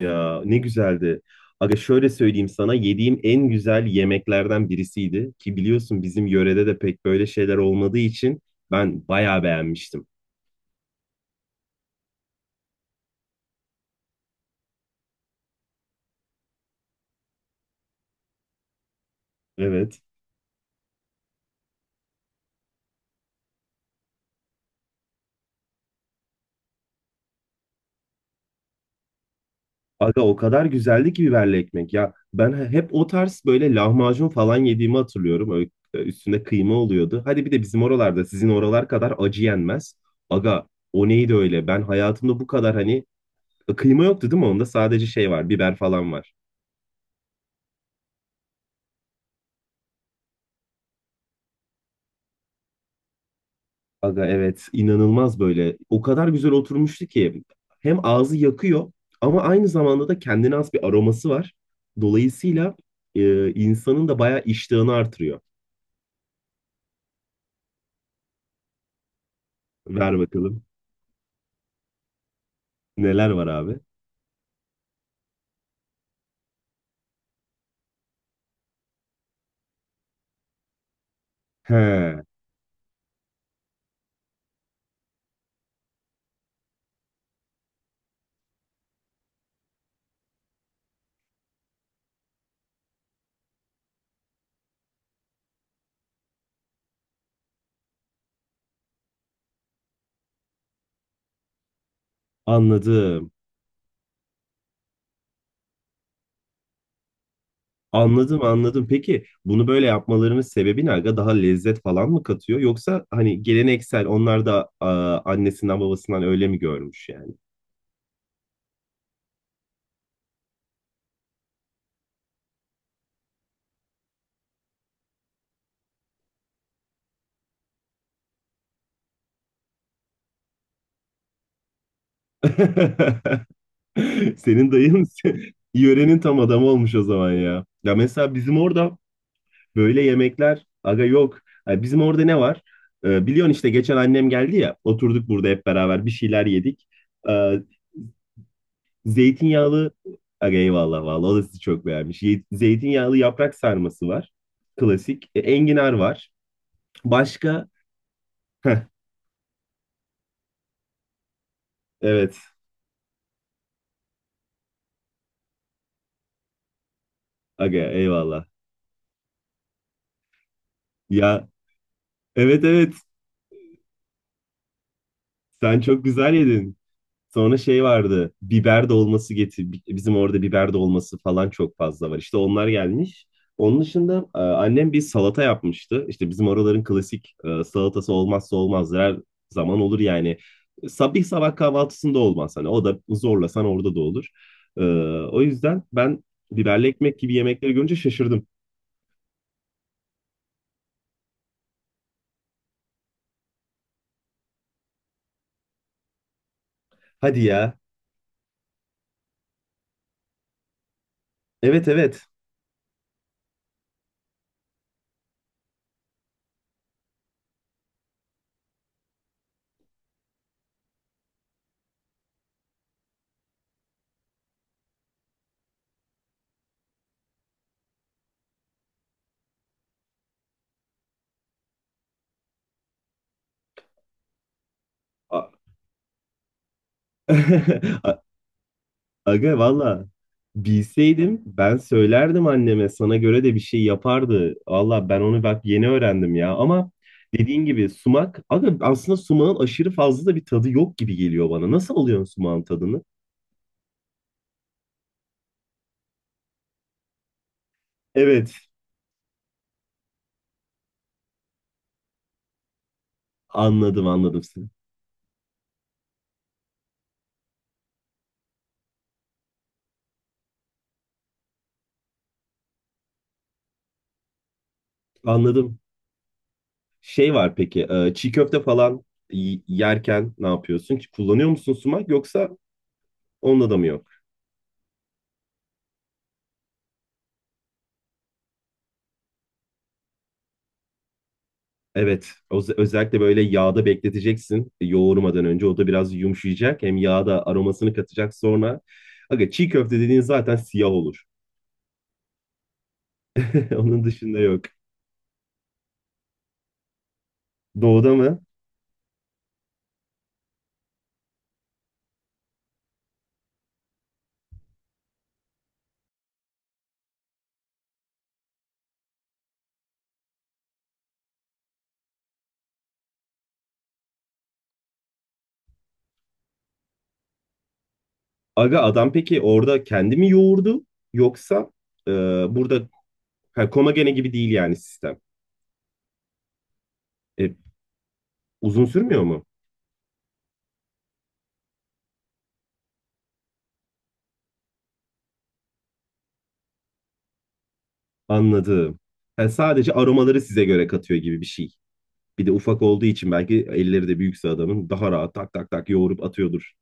Ya ne güzeldi. Aga şöyle söyleyeyim sana yediğim en güzel yemeklerden birisiydi ki biliyorsun bizim yörede de pek böyle şeyler olmadığı için ben bayağı beğenmiştim. Evet. Aga o kadar güzeldi ki biberli ekmek. Ya ben hep o tarz böyle lahmacun falan yediğimi hatırlıyorum. Öyle üstünde kıyma oluyordu. Hadi bir de bizim oralarda sizin oralar kadar acı yenmez. Aga o neydi öyle? Ben hayatımda bu kadar hani kıyma yoktu değil mi? Onda sadece şey var, biber falan var. Aga evet inanılmaz böyle. O kadar güzel oturmuştu ki hem ağzı yakıyor ama aynı zamanda da kendine has bir aroması var. Dolayısıyla insanın da bayağı iştahını artırıyor. Ver bakalım. Neler var abi? He. Anladım. Anladım anladım. Peki bunu böyle yapmalarının sebebi ne aga? Daha lezzet falan mı katıyor? Yoksa hani geleneksel onlar da annesinden babasından öyle mi görmüş yani? Senin dayın yörenin tam adamı olmuş o zaman ya. Ya mesela bizim orada böyle yemekler aga yok. Yani bizim orada ne var? Biliyorsun işte geçen annem geldi ya. Oturduk burada hep beraber bir şeyler yedik. Ee, zeytinyağlı aga eyvallah vallahi o da sizi çok beğenmiş. Zeytinyağlı yaprak sarması var. Klasik. Enginar var. Başka? Heh, evet aga eyvallah. Ya, evet, evet, sen çok güzel yedin. Sonra şey vardı. Biber dolması getir. Bizim orada biber dolması falan çok fazla var. İşte onlar gelmiş. Onun dışında annem bir salata yapmıştı. İşte bizim oraların klasik salatası olmazsa olmazdır. Her zaman olur yani. Sabah sabah kahvaltısında olmaz hani. O da zorlasan orada da olur. E, o yüzden ben biberli ekmek gibi yemekleri görünce şaşırdım. Hadi ya. Evet, evet. A- Aga valla bilseydim ben söylerdim anneme sana göre de bir şey yapardı. Valla ben onu bak yeni öğrendim ya ama dediğin gibi sumak aga aslında sumağın aşırı fazla da bir tadı yok gibi geliyor bana. Nasıl alıyorsun sumağın tadını? Evet, anladım anladım seni. Anladım. Şey var peki çiğ köfte falan yerken ne yapıyorsun? Kullanıyor musun sumak yoksa onunla da mı yok? Evet, özellikle böyle yağda bekleteceksin yoğurmadan önce. O da biraz yumuşayacak. Hem yağda aromasını katacak sonra. Aga çiğ köfte dediğin zaten siyah olur. Onun dışında yok. Doğuda mı? Aga adam peki orada kendi mi yoğurdu yoksa e, burada ha, Komagene gibi değil yani sistem. E, uzun sürmüyor mu? Anladım. Ha, sadece aromaları size göre katıyor gibi bir şey. Bir de ufak olduğu için belki elleri de büyükse adamın daha rahat tak tak tak yoğurup atıyordur.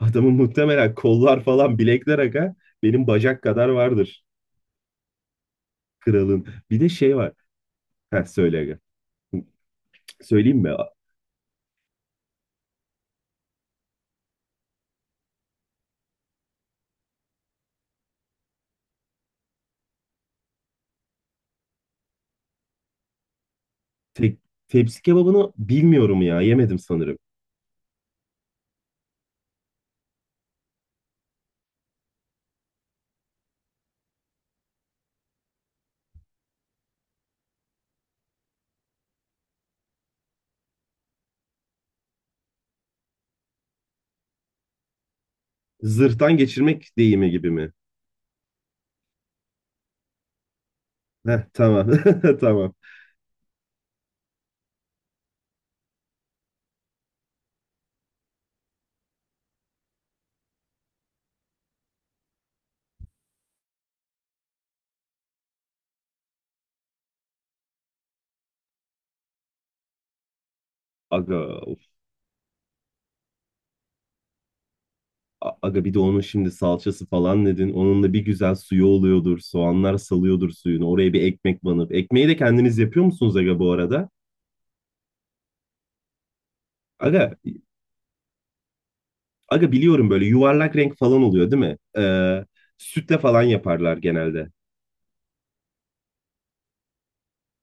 Adamın muhtemelen kollar falan bilekler aga benim bacak kadar vardır kralın. Bir de şey var. Ha, söyle aga. Söyleyeyim mi? Te- tepsi kebabını bilmiyorum ya. Yemedim sanırım. Zırhtan geçirmek deyimi gibi mi? Tamam. Tamam. Aga Aga bir de onun şimdi salçası falan dedin. Onun da bir güzel suyu oluyordur. Soğanlar salıyordur suyunu. Oraya bir ekmek banıp. Ekmeği de kendiniz yapıyor musunuz aga bu arada? Aga, aga, biliyorum böyle yuvarlak renk falan oluyor değil mi? Sütle falan yaparlar genelde.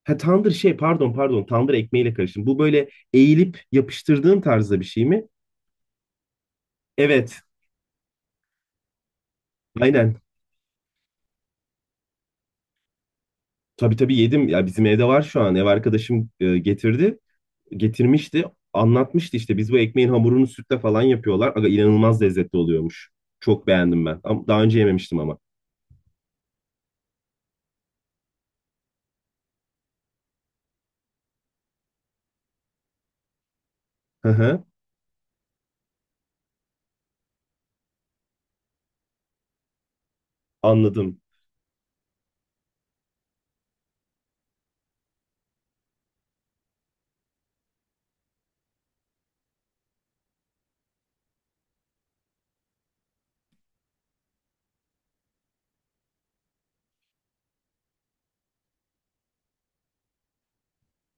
Ha, tandır şey pardon pardon tandır ekmeğiyle karıştım. Bu böyle eğilip yapıştırdığın tarzda bir şey mi? Evet, aynen. Tabii tabii yedim. Ya bizim evde var şu an. Ev arkadaşım getirdi. Getirmişti. Anlatmıştı işte biz bu ekmeğin hamurunu sütle falan yapıyorlar. Aga inanılmaz lezzetli oluyormuş. Çok beğendim ben. Ama daha önce yememiştim ama. Hı hı, anladım.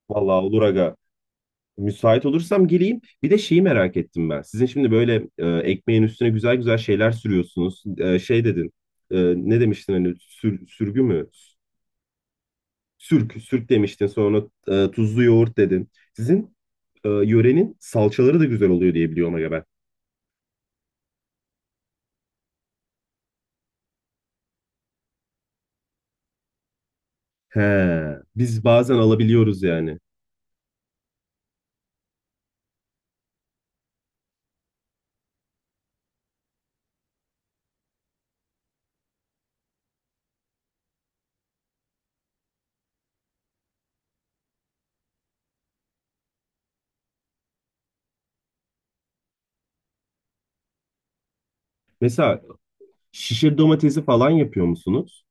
Vallahi olur aga. Müsait olursam geleyim. Bir de şeyi merak ettim ben. Sizin şimdi böyle ekmeğin üstüne güzel güzel şeyler sürüyorsunuz. Şey dedin. Ne demiştin hani sürgü mü? Sürk, sürk demiştin. Sonra tuzlu yoğurt dedin. Sizin yörenin salçaları da güzel oluyor diye biliyorum aga ben. He, biz bazen alabiliyoruz yani. Mesela şişe domatesi falan yapıyor musunuz?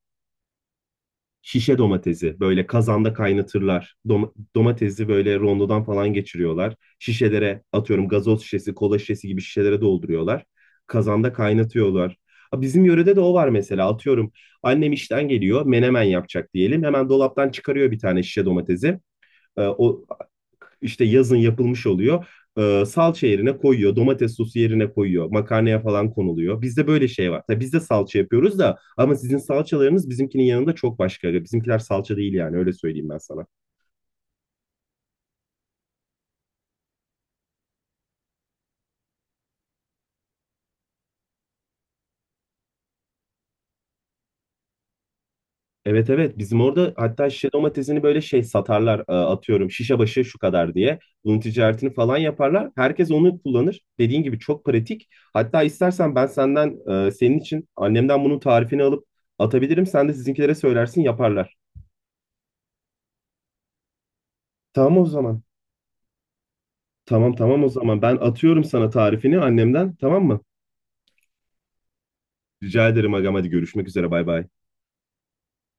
Şişe domatesi böyle kazanda kaynatırlar. Domatesi böyle rondodan falan geçiriyorlar. Şişelere atıyorum gazoz şişesi, kola şişesi gibi şişelere dolduruyorlar. Kazanda kaynatıyorlar. Ha, bizim yörede de o var mesela atıyorum annem işten geliyor menemen yapacak diyelim. Hemen dolaptan çıkarıyor bir tane şişe domatesi. O işte yazın yapılmış oluyor. Salça yerine koyuyor, domates sosu yerine koyuyor, makarnaya falan konuluyor. Bizde böyle şey var. Tabii biz de salça yapıyoruz da ama sizin salçalarınız bizimkinin yanında çok başka. Bizimkiler salça değil yani öyle söyleyeyim ben sana. Evet, evet, bizim orada hatta şişe domatesini böyle şey satarlar atıyorum şişe başı şu kadar diye. Bunun ticaretini falan yaparlar. Herkes onu kullanır. Dediğin gibi çok pratik. Hatta istersen ben senden senin için annemden bunun tarifini alıp atabilirim. Sen de sizinkilere söylersin yaparlar. Tamam o zaman. Tamam, tamam, o zaman ben atıyorum sana tarifini annemden, tamam mı? Rica ederim agam, hadi görüşmek üzere, bay bay.